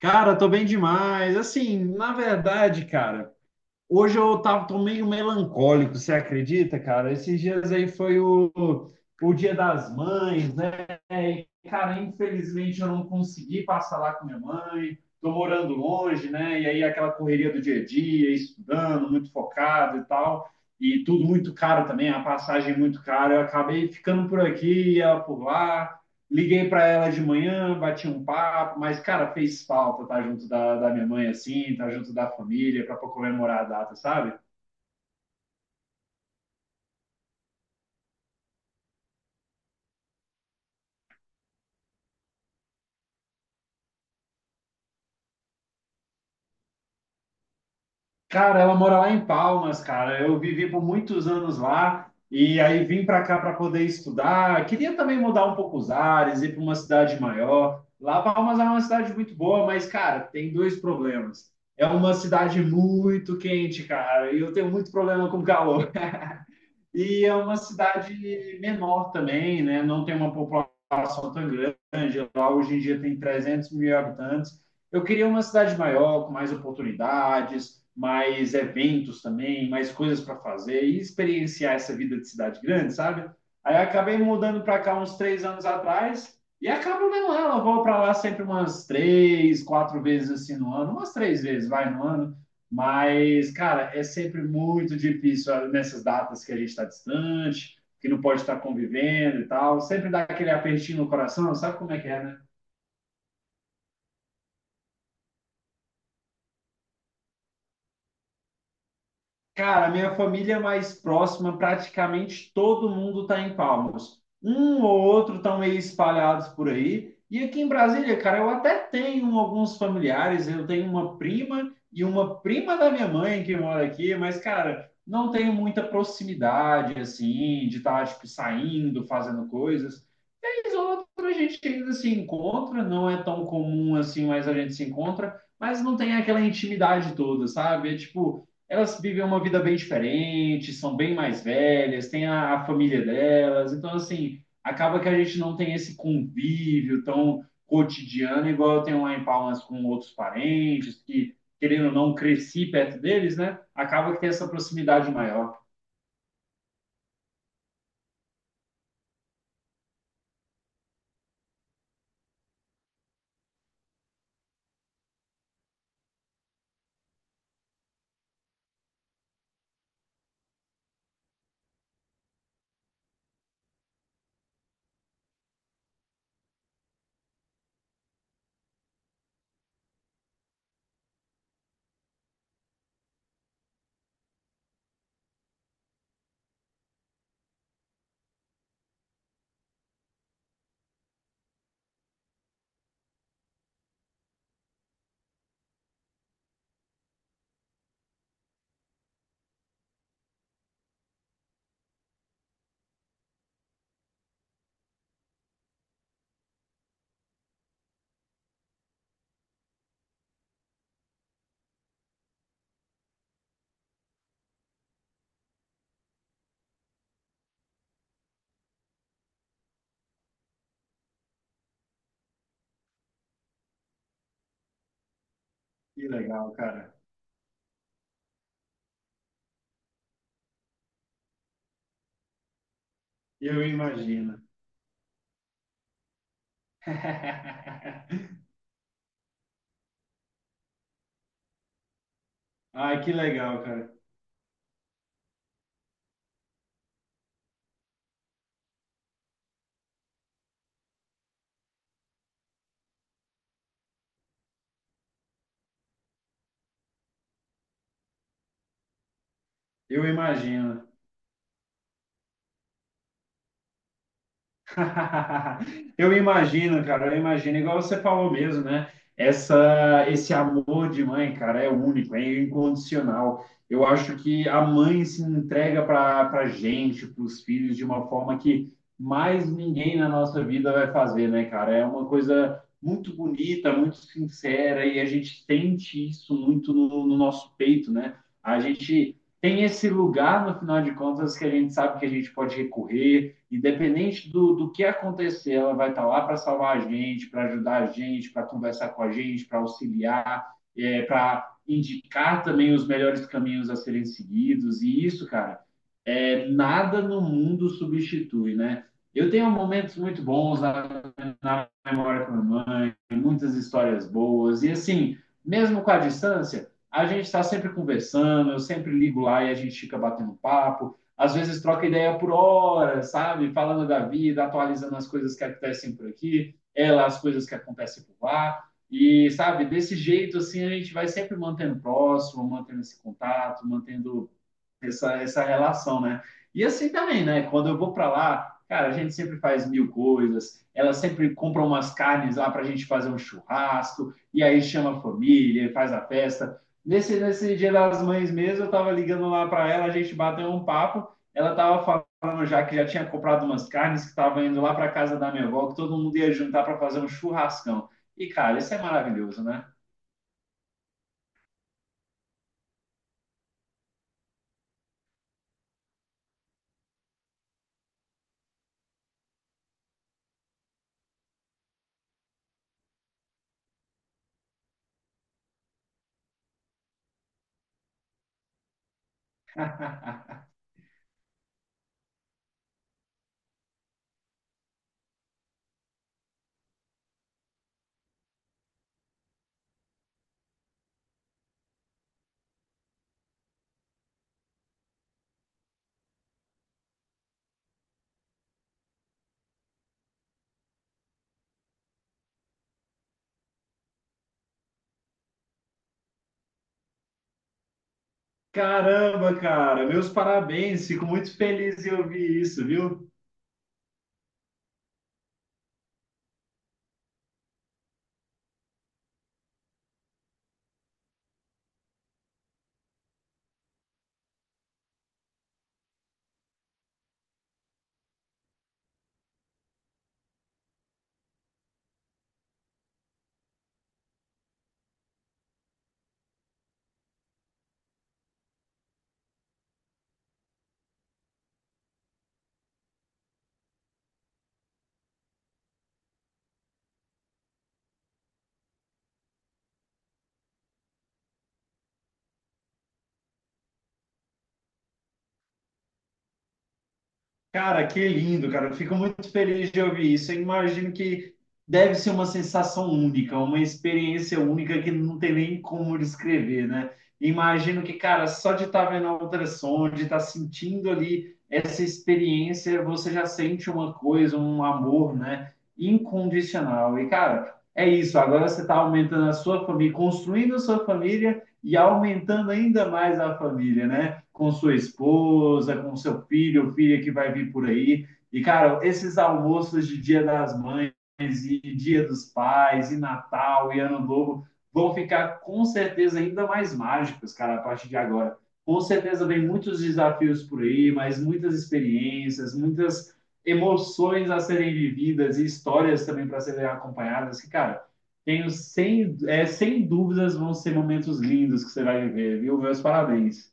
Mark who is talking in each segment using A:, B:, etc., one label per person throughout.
A: Cara, tô bem demais. Assim, na verdade, cara, hoje eu tava, tô meio melancólico, você acredita, cara? Esses dias aí foi o Dia das Mães, né? E, cara, infelizmente eu não consegui passar lá com minha mãe. Tô morando longe, né? E aí aquela correria do dia a dia, estudando, muito focado e tal. E tudo muito caro também, a passagem muito cara. Eu acabei ficando por aqui e ela por lá. Liguei para ela de manhã, bati um papo, mas, cara, fez falta estar junto da minha mãe, assim, estar junto da família, para comemorar a data, sabe? Cara, ela mora lá em Palmas, cara. Eu vivi por muitos anos lá e aí vim para cá para poder estudar. Queria também mudar um pouco os ares, ir para uma cidade maior. Lá, Palmas é uma cidade muito boa, mas, cara, tem dois problemas. É uma cidade muito quente, cara, e eu tenho muito problema com calor. E é uma cidade menor também, né? Não tem uma população tão grande. Lá hoje em dia tem 300 mil habitantes. Eu queria uma cidade maior, com mais oportunidades, mais eventos também, mais coisas para fazer e experienciar essa vida de cidade grande, sabe? Aí eu acabei mudando para cá uns 3 anos atrás e acabo vendo ela. Eu vou para lá sempre umas três, quatro vezes assim no ano, umas três vezes vai no ano. Mas, cara, é sempre muito difícil nessas datas que a gente está distante, que não pode estar convivendo e tal. Sempre dá aquele apertinho no coração, sabe como é que é, né? Cara, minha família mais próxima, praticamente todo mundo está em Palmas. Um ou outro estão meio espalhados por aí. E aqui em Brasília, cara, eu até tenho alguns familiares. Eu tenho uma prima e uma prima da minha mãe que mora aqui, mas, cara, não tenho muita proximidade, assim, de estar, tipo, saindo, fazendo coisas. Vez ou outra a gente ainda se encontra, não é tão comum assim, mas a gente se encontra, mas não tem aquela intimidade toda, sabe? É tipo elas vivem uma vida bem diferente, são bem mais velhas, têm a família delas, então assim, acaba que a gente não tem esse convívio tão cotidiano, igual eu tenho lá em Palmas com outros parentes, que querendo ou não cresci perto deles, né? Acaba que tem essa proximidade maior. Que legal, cara. Eu imagino. Ai, que legal, cara. Eu imagino. Eu imagino, cara, eu imagino, igual você falou mesmo, né? Esse amor de mãe, cara, é único, é incondicional. Eu acho que a mãe se entrega para gente, para os filhos, de uma forma que mais ninguém na nossa vida vai fazer, né, cara? É uma coisa muito bonita, muito sincera, e a gente sente isso muito no nosso peito, né? A gente tem esse lugar, no final de contas, que a gente sabe que a gente pode recorrer, independente do que acontecer, ela vai estar lá para salvar a gente, para ajudar a gente, para conversar com a gente, para auxiliar, para indicar também os melhores caminhos a serem seguidos. E isso, cara, nada no mundo substitui, né? Eu tenho momentos muito bons na memória com a minha muitas histórias boas. E assim, mesmo com a distância, a gente está sempre conversando, eu sempre ligo lá e a gente fica batendo papo. Às vezes troca ideia por horas, sabe? Falando da vida, atualizando as coisas que acontecem por aqui, ela, as coisas que acontecem por lá. E, sabe, desse jeito, assim, a gente vai sempre mantendo próximo, mantendo esse contato, mantendo essa relação, né? E assim também, né? Quando eu vou para lá, cara, a gente sempre faz mil coisas. Ela sempre compra umas carnes lá para a gente fazer um churrasco, e aí chama a família, faz a festa. Nesse Dia das Mães mesmo, eu tava ligando lá para ela, a gente bateu um papo. Ela tava falando já que já tinha comprado umas carnes, que tava indo lá para casa da minha avó, que todo mundo ia juntar para fazer um churrascão. E, cara, isso é maravilhoso, né? Caramba, cara, meus parabéns. Fico muito feliz em ouvir isso, viu? Cara, que lindo, cara. Eu fico muito feliz de ouvir isso. Eu imagino que deve ser uma sensação única, uma experiência única que não tem nem como descrever, né? Imagino que, cara, só de estar vendo a ultrassom, de estar sentindo ali essa experiência, você já sente uma coisa, um amor, né? Incondicional. E, cara, é isso. Agora você está aumentando a sua família, construindo a sua família e aumentando ainda mais a família, né? Com sua esposa, com seu filho ou filha que vai vir por aí. E, cara, esses almoços de Dia das Mães e Dia dos Pais e Natal e Ano Novo vão ficar com certeza ainda mais mágicos, cara, a partir de agora. Com certeza vem muitos desafios por aí, mas muitas experiências, muitas emoções a serem vividas e histórias também para serem acompanhadas, que, cara, tenho sem dúvidas vão ser momentos lindos que você vai viver, viu? Meus parabéns.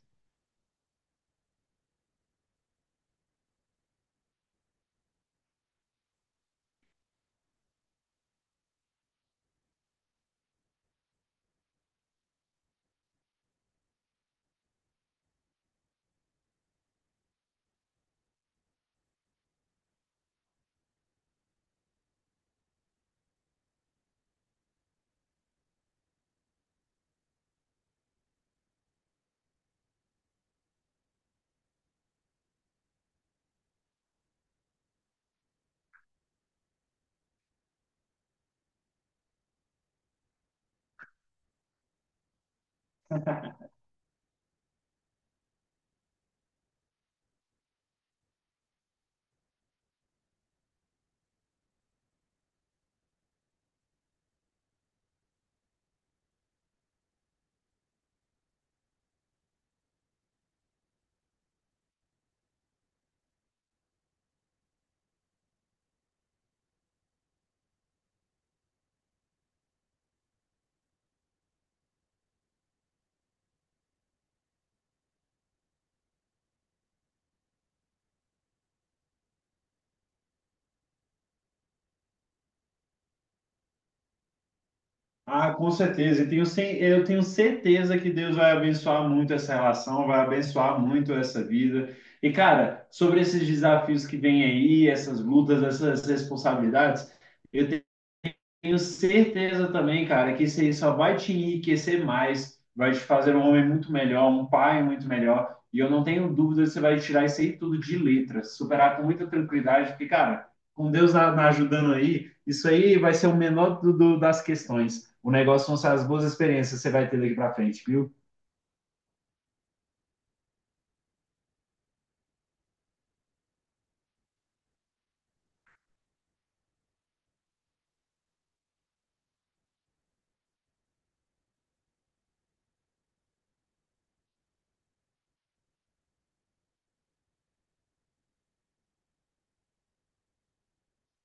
A: Ah, com certeza. Eu tenho certeza que Deus vai abençoar muito essa relação, vai abençoar muito essa vida. E, cara, sobre esses desafios que vêm aí, essas lutas, essas responsabilidades, eu tenho certeza também, cara, que isso aí só vai te enriquecer mais, vai te fazer um homem muito melhor, um pai muito melhor. E eu não tenho dúvida que você vai tirar isso aí tudo de letras, superar com muita tranquilidade, porque, cara, com Deus na ajudando aí, isso aí vai ser o menor das questões. O negócio vão ser as boas experiências que você vai ter daqui pra frente, viu?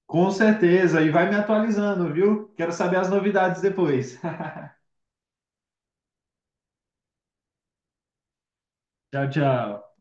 A: Com certeza, e vai me atualizando, viu? Quero saber as novidades depois. Tchau, tchau.